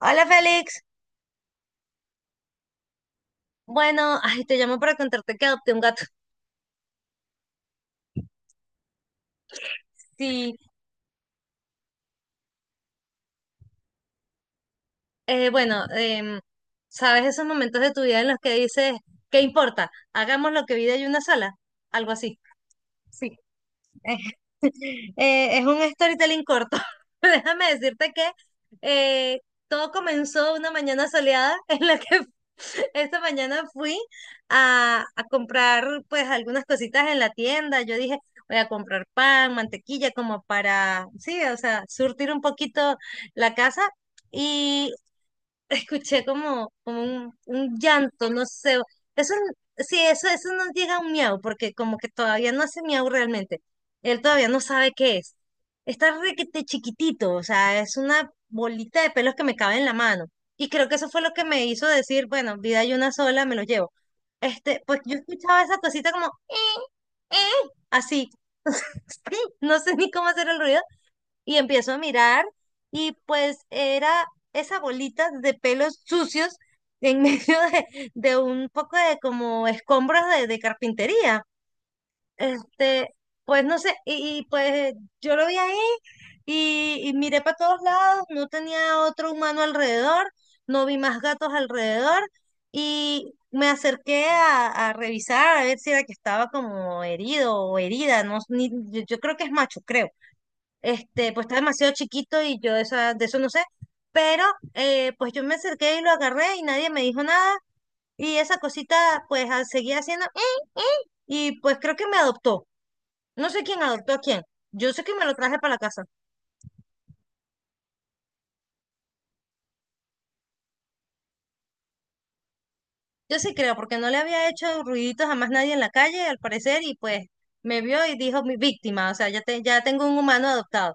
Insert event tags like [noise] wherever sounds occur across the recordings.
Hola Félix, bueno, ay, te llamo para contarte que adopté un gato. [laughs] Sí. Bueno, em, ¿sabes esos momentos de tu vida en los que dices, ¿qué importa? Hagamos lo que vida hay una sola, algo así. Sí. [laughs] [laughs] Es un storytelling corto. [laughs] Déjame decirte que eh, todo comenzó una mañana soleada [laughs] en la que [laughs] esta mañana fui a comprar pues algunas cositas en la tienda. Yo dije, voy a comprar pan, mantequilla, como para, sí, o sea, surtir un poquito la casa. Escuché como un llanto, no sé. Eso, sí, eso no llega a un miau, porque como que todavía no hace miau realmente. Él todavía no sabe qué es. Está requete chiquitito, o sea, es una bolita de pelos que me cabe en la mano. Y creo que eso fue lo que me hizo decir, bueno, vida hay una sola, me lo llevo. Este, pues yo escuchaba esa cosita como, así. [laughs] No sé ni cómo hacer el ruido y empiezo a mirar, y pues era esa bolita de pelos sucios en [laughs] medio de un poco de como escombros de carpintería. Este, pues no sé, y pues yo lo vi ahí y miré para todos lados, no tenía otro humano alrededor, no vi más gatos alrededor, y me acerqué a revisar a ver si era que estaba como herido o herida, no, yo creo que es macho, creo. Este, pues está demasiado chiquito y yo de, de eso no sé. Pero pues yo me acerqué y lo agarré y nadie me dijo nada. Y esa cosita pues ah, seguía haciendo... eh". Y pues creo que me adoptó. No sé quién adoptó a quién. Yo sé que me lo traje para la casa. Yo sí creo, porque no le había hecho ruiditos a más nadie en la calle, al parecer, y pues me vio y dijo mi víctima. O sea, ya, ya tengo un humano adoptado.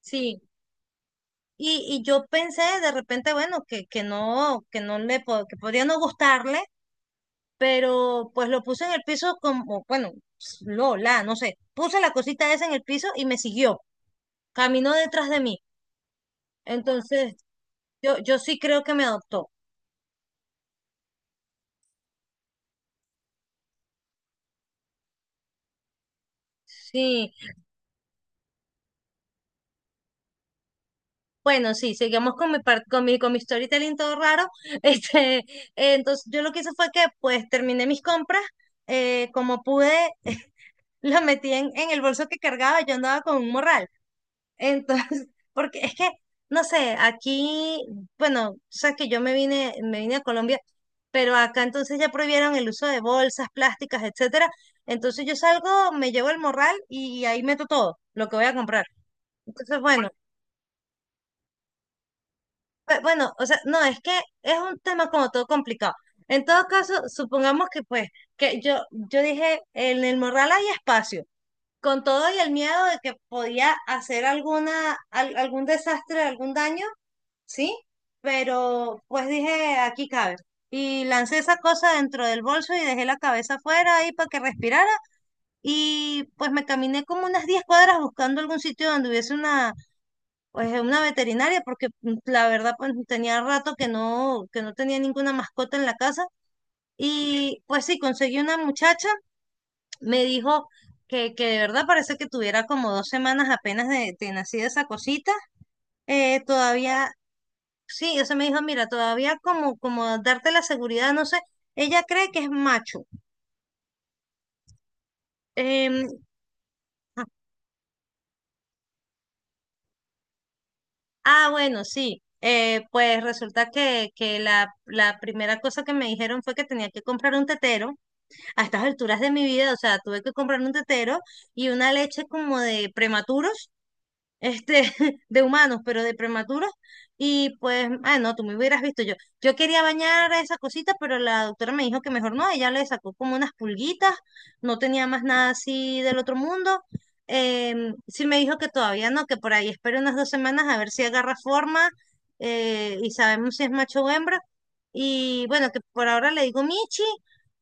Sí. Y yo pensé de repente, bueno, que no le que podría no gustarle, pero pues lo puse en el piso como, bueno, no sé, puse la cosita esa en el piso y me siguió, caminó detrás de mí. Entonces, yo sí creo que me adoptó. Sí, bueno, sí, seguimos con mi, con mi, con mi storytelling todo raro. [laughs] Este, entonces, yo lo que hice fue que pues terminé mis compras, como pude, [laughs] lo metí en el bolso que cargaba, yo andaba con un morral. Entonces, [laughs] porque es que, no sé, aquí, bueno, tú sabes que yo me vine a Colombia, pero acá entonces ya prohibieron el uso de bolsas plásticas, etcétera. Entonces yo salgo, me llevo el morral y ahí meto todo lo que voy a comprar. Entonces, bueno, bueno, o sea, no, es que es un tema como todo complicado. En todo caso, supongamos que pues, yo dije, en el morral hay espacio con todo y el miedo de que podía hacer alguna, algún desastre, algún daño, ¿sí? Pero pues dije, aquí cabe. Y lancé esa cosa dentro del bolso y dejé la cabeza afuera ahí para que respirara. Y pues me caminé como unas 10 cuadras buscando algún sitio donde hubiese una, pues, una veterinaria, porque la verdad pues tenía rato que no tenía ninguna mascota en la casa. Y pues sí, conseguí una muchacha, me dijo que de verdad parece que tuviera como 2 semanas apenas de nacida esa cosita. Todavía. Sí, ella me dijo, mira, todavía como, como darte la seguridad, no sé, ella cree que es macho. Em, ah, ah, bueno, sí. Eh, pues resulta que la primera cosa que me dijeron fue que tenía que comprar un tetero. A estas alturas de mi vida, o sea, tuve que comprar un tetero y una leche como de prematuros, este, [laughs] de humanos, pero de prematuros. Y pues, ah, no, tú me hubieras visto yo. Yo quería bañar a esa cosita, pero la doctora me dijo que mejor no. Ella le sacó como unas pulguitas, no tenía más nada así del otro mundo. Em, sí me dijo que todavía no, que por ahí espero unas 2 semanas a ver si agarra forma, y sabemos si es macho o hembra. Y bueno, que por ahora le digo Michi.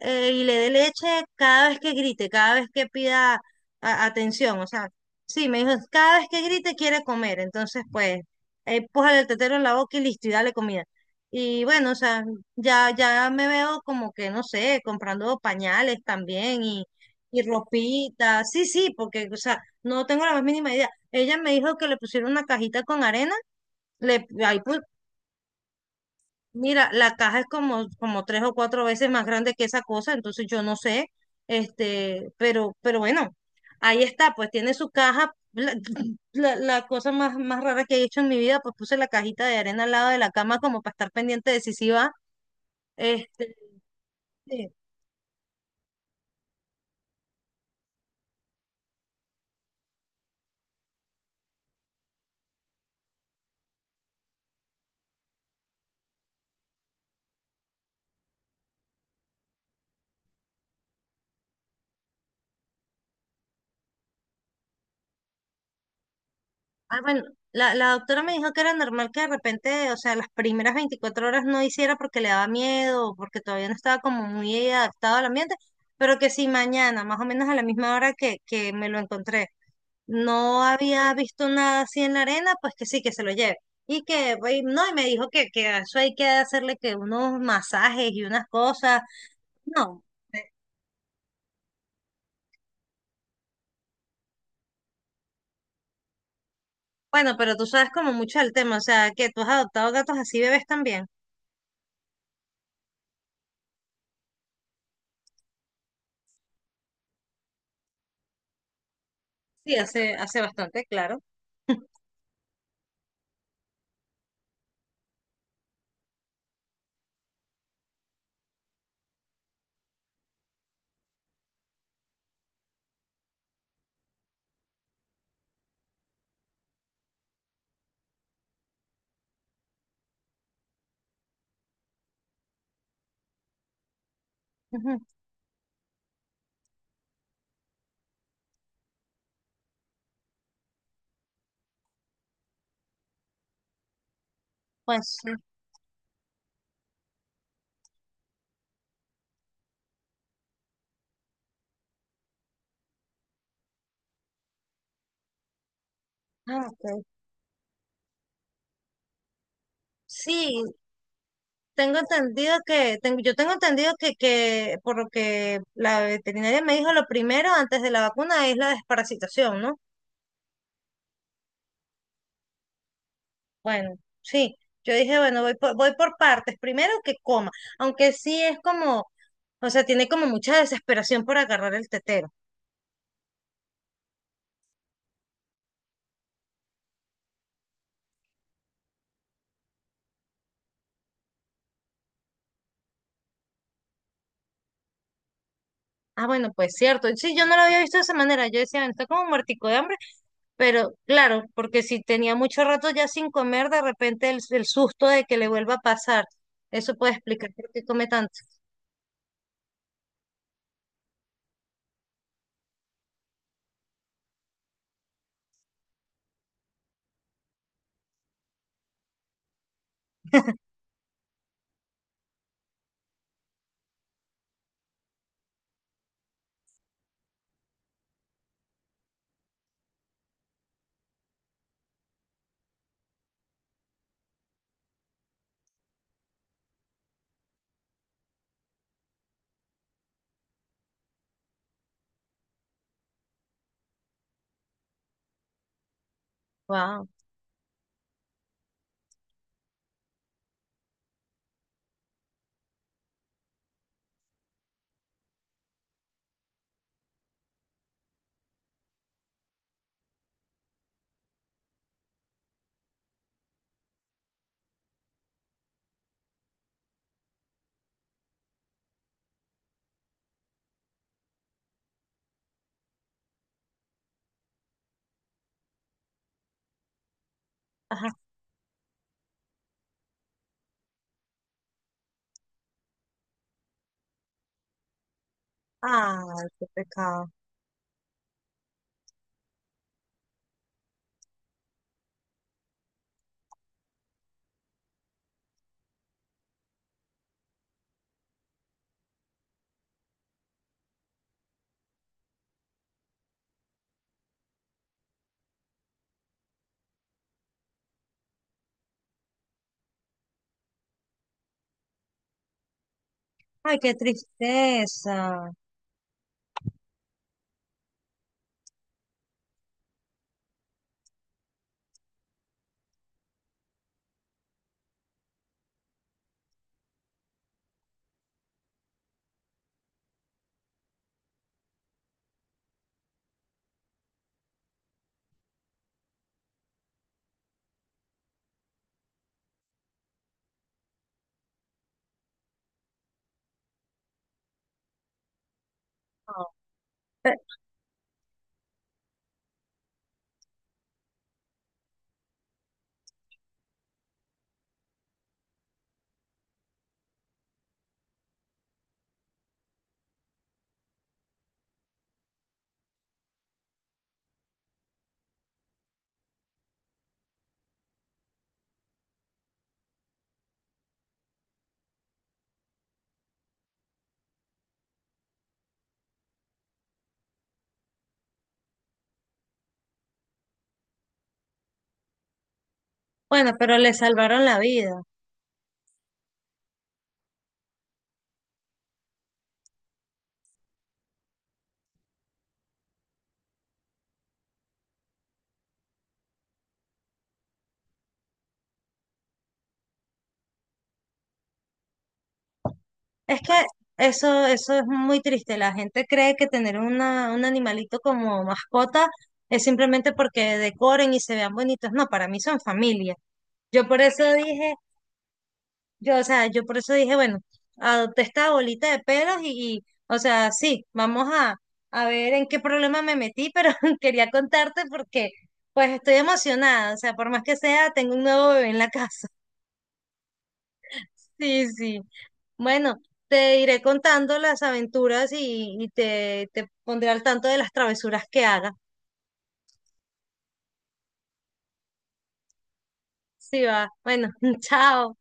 Eh, y le dé leche cada vez que grite, cada vez que pida atención. O sea, sí, me dijo, cada vez que grite quiere comer, entonces pues, pójale el tetero en la boca y listo, y dale comida. Y bueno, o sea, ya, ya me veo como que, no sé, comprando pañales también y ropita, sí, sí, porque, o sea, no tengo la más mínima idea. Ella me dijo que le pusieron una cajita con arena, le, ahí pu- mira, la caja es como, como tres o cuatro veces más grande que esa cosa, entonces yo no sé, este, pero bueno, ahí está, pues tiene su caja. La, [clears throat] la cosa más, más rara que he hecho en mi vida, pues puse la cajita de arena al lado de la cama como para estar pendiente de si sí va. Este, sí. Ah, bueno, la doctora me dijo que era normal que de repente, o sea, las primeras 24 horas no hiciera porque le daba miedo, porque todavía no estaba como muy adaptado al ambiente, pero que sí mañana, más o menos a la misma hora que me lo encontré, no había visto nada así en la arena, pues que sí, que se lo lleve. Y no, y me dijo que a eso hay que hacerle que unos masajes y unas cosas. No. Eh, bueno, pero tú sabes como mucho del tema, o sea, que tú has adoptado gatos así bebés también. Sí, hace, hace bastante, claro. Ujú. Pues sí. Ah, ok. Sí, tengo entendido que, tengo, yo tengo entendido que por lo que la veterinaria me dijo, lo primero antes de la vacuna es la desparasitación, ¿no? Bueno, sí, yo dije, bueno, voy por, voy por partes. Primero que coma, aunque sí es como, o sea, tiene como mucha desesperación por agarrar el tetero. Ah, bueno, pues cierto. Sí, yo no lo había visto de esa manera. Yo decía, bueno, está como muertico de hambre, pero claro, porque si tenía mucho rato ya sin comer, de repente el susto de que le vuelva a pasar. Eso puede explicar por qué come tanto. Wow. Ajá. Ay, qué pecado. Ay, qué tristeza. Ah, pe- bueno, pero le salvaron la vida. Es que eso es muy triste. La gente cree que tener una, un animalito como mascota es simplemente porque decoren y se vean bonitos. No, para mí son familia. Yo por eso dije, yo, o sea, yo por eso dije, bueno, adopté esta bolita de pelos y, o sea, sí, vamos a ver en qué problema me metí, pero [laughs] quería contarte porque, pues, estoy emocionada. O sea, por más que sea, tengo un nuevo bebé en la casa. [laughs] Sí, sí. Bueno, te iré contando las aventuras y te pondré al tanto de las travesuras que haga. Sí, va. Bueno, [laughs] chao.